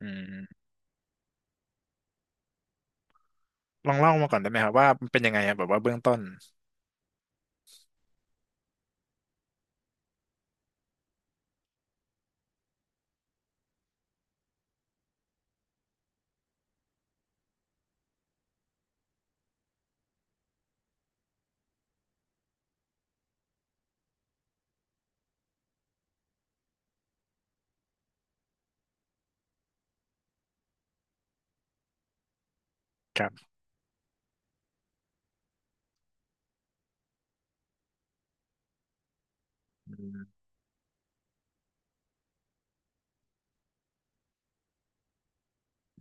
อืมลองเล่ามาก่อนได้ไหมครับว่ามันเป็นยังไงอะแบบว่าเบื้องต้นครับอืม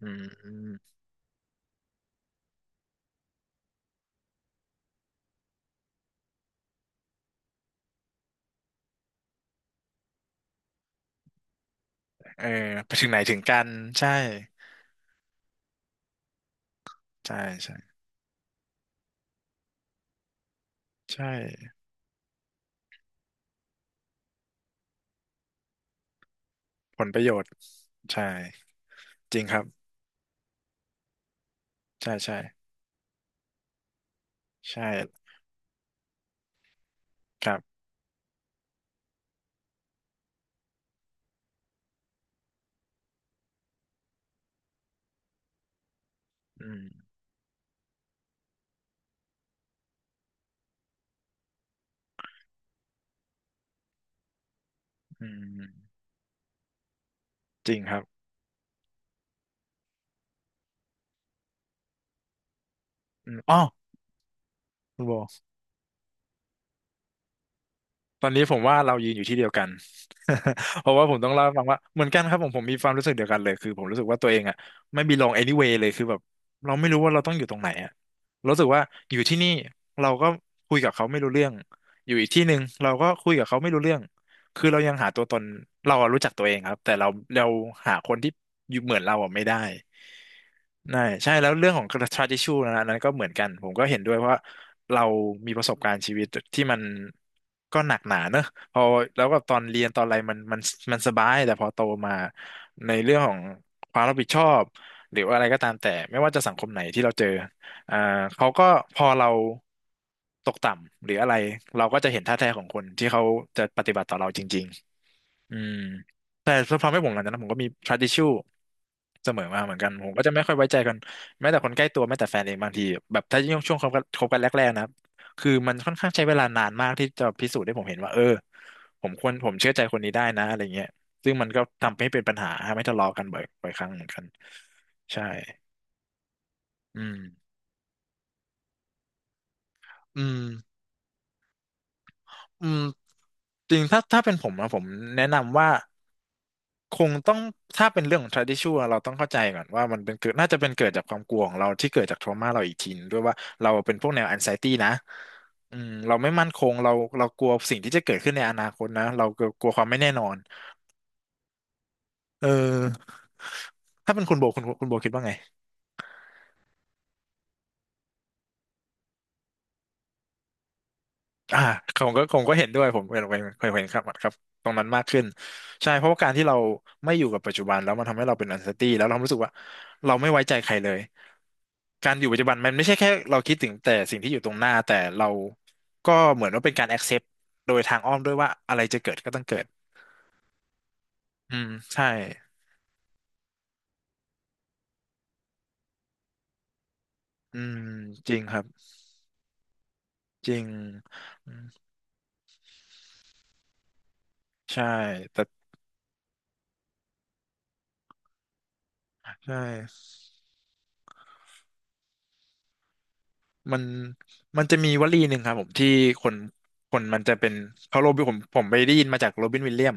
อืมอืมเออไปถึงไหนถึงกันใช่ใช่ใช่ใช่ผลประโยชน์ใช่จริงครับใช่ใช่ใช่ครับอืมอืมจริงครับอืมอ๋อคุณโบ ตอนนี้ผมว่าเรายืนอยู่ที่เดียวกัน เพราะว่าผมต้องเล่าให้ฟังว่าเหมือนกันครับผมมีความรู้สึกเดียวกันเลยคือผมรู้สึกว่าตัวเองอ่ะไม่ belong anyway เลยคือแบบเราไม่รู้ว่าเราต้องอยู่ตรงไหนอ่ะรู้สึกว่าอยู่ที่นี่เราก็คุยกับเขาไม่รู้เรื่องอยู่อีกที่หนึ่งเราก็คุยกับเขาไม่รู้เรื่อง คือเรายังหาตัวตนเราอะรู้จักตัวเองครับแต่เราเราหาคนที่อยู่เหมือนเราอะไม่ได้นั่นใช่แล้วเรื่องของ tradition นะอันนั้นก็เหมือนกันผมก็เห็นด้วยเพราะว่าเรามีประสบการณ์ชีวิตที่มันก็หนักหนาเนอะพอแล้วก็ตอนเรียนตอนอะไรมันสบายแต่พอโตมาในเรื่องของความรับผิดชอบหรือว่าอะไรก็ตามแต่ไม่ว่าจะสังคมไหนที่เราเจอ อ่าเขาก็พอเราตกต่ำหรืออะไรเราก็จะเห็นท่าแท้ของคนที่เขาจะปฏิบัติต่อเราจริงๆอืมแต่ทำให้ผมหลังจากนั้นผมก็มี trust issue เสมอมาเหมือนกันผมก็จะไม่ค่อยไว้ใจกันแม้แต่คนใกล้ตัวแม้แต่แฟนเองบางทีแบบถ้ายิ่งช่วงคบกันคบกันแรกๆนะคือมันค่อนข้างใช้เวลานานมากที่จะพิสูจน์ให้ผมเห็นว่าเออผมควรผมเชื่อใจคนนี้ได้นะอะไรเงี้ยซึ่งมันก็ทำให้เป็นปัญหาทำให้ทะเลาะกันบ่อยบ่อยครั้งเหมือนกันใช่อืมอืม อืมจริงถ้าเป็นผมนะผมแนะนำว่าคงต้องถ้าเป็นเรื่องของ tradition เราต้องเข้าใจก่อนว่ามันเป็นเกิดน่าจะเป็นเกิดจากความกลัวของเราที่เกิดจาก trauma เราอีกทีนึงด้วยว่าเราเป็นพวกแนว anxiety นะอืมเราไม่มั่นคงเราเรากลัวสิ่งที่จะเกิดขึ้นในอนาคตนะเรากลัวความไม่แน่นอนเออถ้าเป็นคุณโบคุณโบคิดว่าไง อ่าผมก็เห็นด้วยผมเห็นครับครับตรงนั้นมากขึ้นใช่เพราะว่าการที่เราไม่อยู่กับปัจจุบันแล้วมันทำให้เราเป็น anxiety แล้วเรารู้สึกว่าเราไม่ไว้ใจใครเลยการอยู่ปัจจุบันมันไม่ใช่แค่เราคิดถึงแต่สิ่งที่อยู่ตรงหน้าแต่เราก็เหมือนว่าเป็นการ accept โดยทางอ้อมด้วยว่าอะไรจะเกิดก็ต้องเกิดอืมใช่อืมจริงครับจริงอืมใช่แต่ใช่ มันมันจะมีวลีหนึ่งครับผมที่คนคนมันจะเป็นเขาโรบินผมไปได้ยินมาจากโรบินวิลเลียม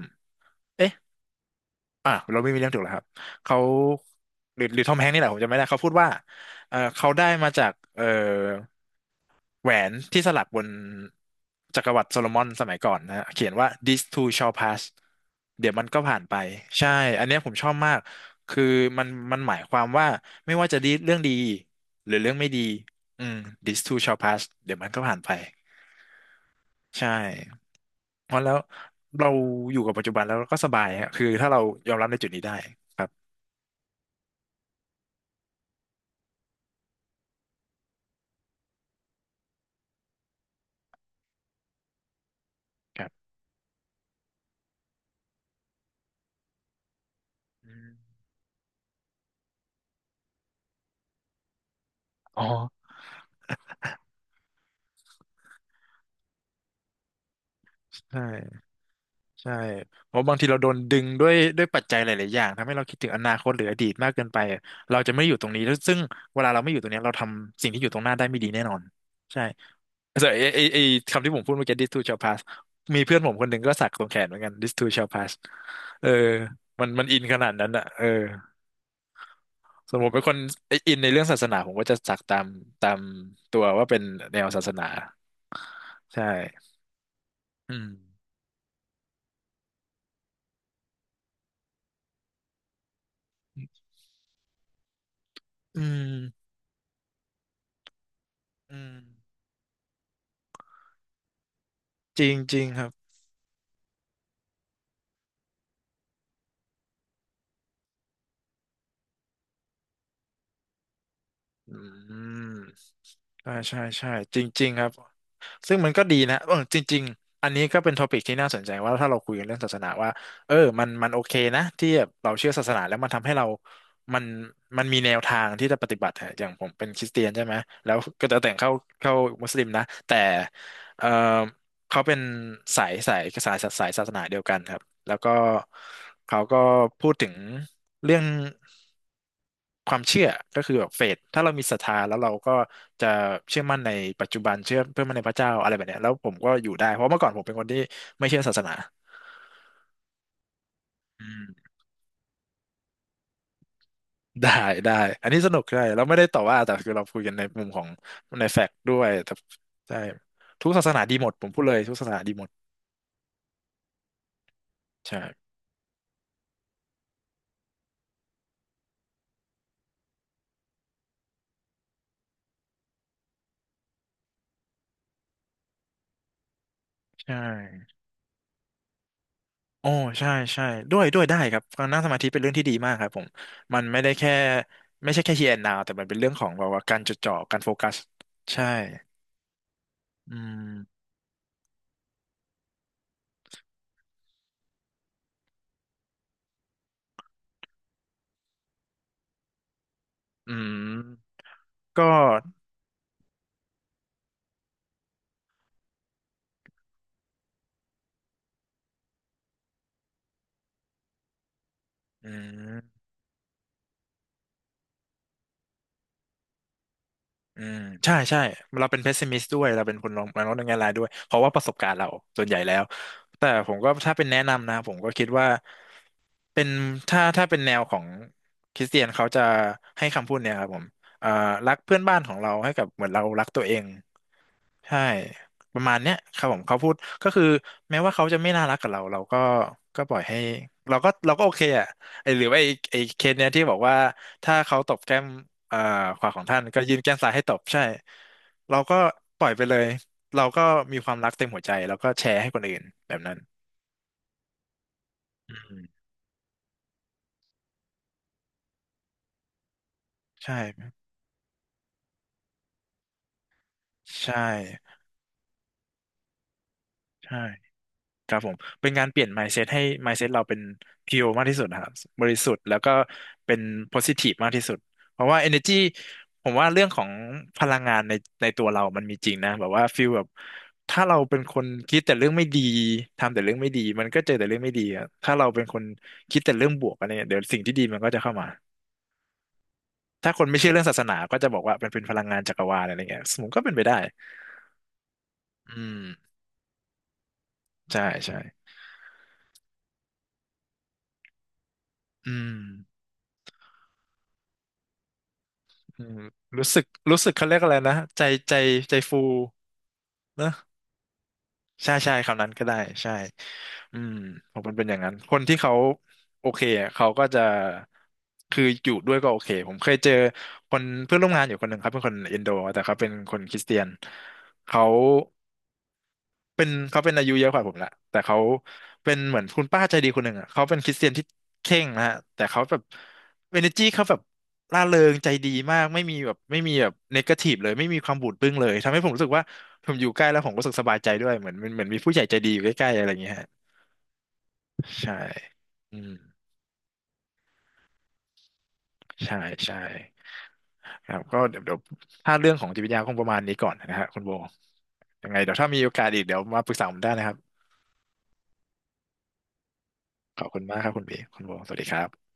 เราไม่มีเรื่องถูกแล้วครับเขาหรือทอมแฮงค์นี่แหละผมจำไม่ได้เขาพูดว่าเออเขาได้มาจากเออแหวนที่สลักบนจักรวรรดิโซโลมอนสมัยก่อนนะฮะเขียนว่า this too shall pass เดี๋ยวมันก็ผ่านไปใช่ อันเนี้ยผมชอบมากคือมันมันหมายความว่าไม่ว่าจะดีเรื่องดีหรือเรื่องไม่ดีอืม this too shall pass เดี๋ยวมันก็ผ่านไปใช่เพราะแล้วเราอยู่กับปัจจุบันแล้วเราก็สบายฮะคือถ้าเรายอมรับในจุดนี้ได้ครับ ครับ อ๋อ ใช่ใช่เพราะบางทีเราโดนดึงด้วยปัจจัยหลายๆอย่างทำให้เราคิดถึงอนาคตหรืออดีตมากเกินไป เราจะไม่อยู่ตรงนี้แล้วซึ่งเวลาเราไม่อยู่ตรงเนี้ยเราทำสิ่งที่อยู่ตรงหน้าได้ไม่ดีแน่นอน ใช่แต่ไอคำที่ผมพูดเมื่อกี้ this too shall pass มีเพื่อนผมคนหนึ่งก็สักตรงแขนเหมือนกัน this too shall pass เออมันมันอินขนาดนั้นอ่ะเออสมมติเป็นคนอินในเรื่องศาสนาผมก็จะสักตามตัวว่าเป็นแนวศาสนาใช่อืมอืมอืม จริงจริงครับอืมใช่ใช่ใช่จริงจริงครับ ซึ่งมันก็ดีนะเออจริงๆอันนี้ก็เป็นทอปิกที่น่าสนใจว่าถ้าเราคุยกันเรื่องศาสนาว่าเออมันมันโอเคนะที่แบบเราเชื่อศาสนาแล้วมันทำให้เรามันมันมีแนวทางที่จะปฏิบัติอะอย่างผมเป็นคริสเตียนใช่ไหม แล้วก็จะแต่งเข้ามุสลิมนะ แต่เออเขาเป็นสายศาสนาเดียวกันครับ แล้วก็เขาก็พูดถึงเรื่อง ความเชื่อก็คือแบบเฟธถ้าเรามีศรัทธาแล้วเราก็จะเชื่อมั่นในปัจจุบันเชื่อเพื่อมั่นในพระเจ้าอะไรแบบเนี้ยแล้วผมก็อยู่ได้เพราะเมื่อก่อนผมเป็นคนที่ไม่เชื่อศาสนาอืมได้ได้ อันนี้สนุกใช่เราไม่ได้ต่อว่าแต่คือเราคุยกันในมุมของในแฟกต์ด้วยแต่ใช่ ทุกศาสนาดีหมดผมพูดเลยทุกศาสนาดีหมดใช่ใช่ โอ้ ใช่ ใช่ ด้วยด้วยได้ครับการนั่งสมาธิเป็นเรื่องที่ดีมากครับผมมันไม่ได้แค่ไม่ใช่แค่ here and now แต่มันเป็นเรื่องของแบบว่าการจดจ่อการโฟกัสใช่อืม อืมก็อืมอืมใช่ใช่เราเป็นเพสซิมิสด้วยเราเป็นคนมองในแง่ร้ายด้วยเพราะว่าประสบการณ์เราส่วนใหญ่แล้วแต่ผมก็ถ้าเป็นแนะนำนะผมก็คิดว่าเป็นถ้าเป็นแนวของคริสเตียนเขาจะให้คำพูดเนี่ยครับผมเอ่อรักเพื่อนบ้านของเราให้กับเหมือนเรารักตัวเอง ใช่ประมาณเนี้ยครับผมเขาพูดก็คือแม้ว่าเขาจะไม่น่ารักกับเราเราก็ก็ปล่อยให้เราก็โอเคอ่ะไอหรือว่าไอไอเคสเนี้ยที่บอกว่าถ้าเขาตบแก้มเอ่อขวาของท่านก็ยื่นแก้มซ้ายให้ตบใช่เราก็ปล่อยไปเลยเราก็มีความรักเต็มหัวใจแล้วก็แชร์ให้คนอื่นแบบนั้นอืมใช่ใช่ใช่ ครับผมเป็นการเปลี่ยน mindset ให้ mindset เราเป็น pure มากที่สุดนะครับบริสุทธิ์แล้วก็เป็น positive มากที่สุดเพราะว่า energy ผมว่าเรื่องของพลังงานในตัวเรามันมีจริงนะแบบว่าฟีลแบบถ้าเราเป็นคนคิดแต่เรื่องไม่ดีทำแต่เรื่องไม่ดีมันก็เจอแต่เรื่องไม่ดีอะถ้าเราเป็นคนคิดแต่เรื่องบวกอะไรเนี่ยเดี๋ยวสิ่งที่ดีมันก็จะเข้ามาถ้าคนไม่เชื่อเรื่องศาสนาก็จะบอกว่าเป็นพลังงานจักรวาลอะไรเงี้ยสมมติก็เป็นไปได้อืมใช่ใช่อืม อืมรู้สึกรู้สึกเขาเรียกอะไรนะใจใจฟูนะใช่ใช่คำนั้นก็ได้ใช่อืมผมมันเป็นอย่างนั้นคนที่เขาโอเคอะเขาก็จะคืออยู่ด้วยก็โอเคผมเคยเจอคนเพื่อนร่วมงานอยู่คนหนึ่งครับเป็นคนอินโดแต่เขาเป็นคนคริสเตียนเขา เป็นเขาเป็นอายุเยอะกว่าผมละแต่เขาเป็นเหมือนคุณป้าใจดีคนหนึ่งอ่ะเขาเป็นคริสเตียนที่เคร่งนะฮะแต่เขาแบบเอเนอร์จีเขาแบบร่าเริงใจดีมากไม่มีแบบไม่มีแบบเนกาทีฟเลยไม่มีความบูดบึ้งเลยทำให้ผมรู้สึกว่าผมอยู่ใกล้แล้วผมรู้สึกสบายใจด้วยเหมือนมีผู้ใหญ่ใจดีอยู่ใกล้ๆอะไรอย่างเงี้ยฮะใช่อืมใช่ใช่ครับก็เดี๋ยวถ้าเรื่องของจิตวิทยาคงประมาณนี้ก่อนนะฮะคุณโบยังไงเดี๋ยวถ้ามีโอกาสอีกเดี๋ยวมาปรึกษาผมได้นะครับขอบคุณมากครับคุณบีคุณโบสวัสดีครับ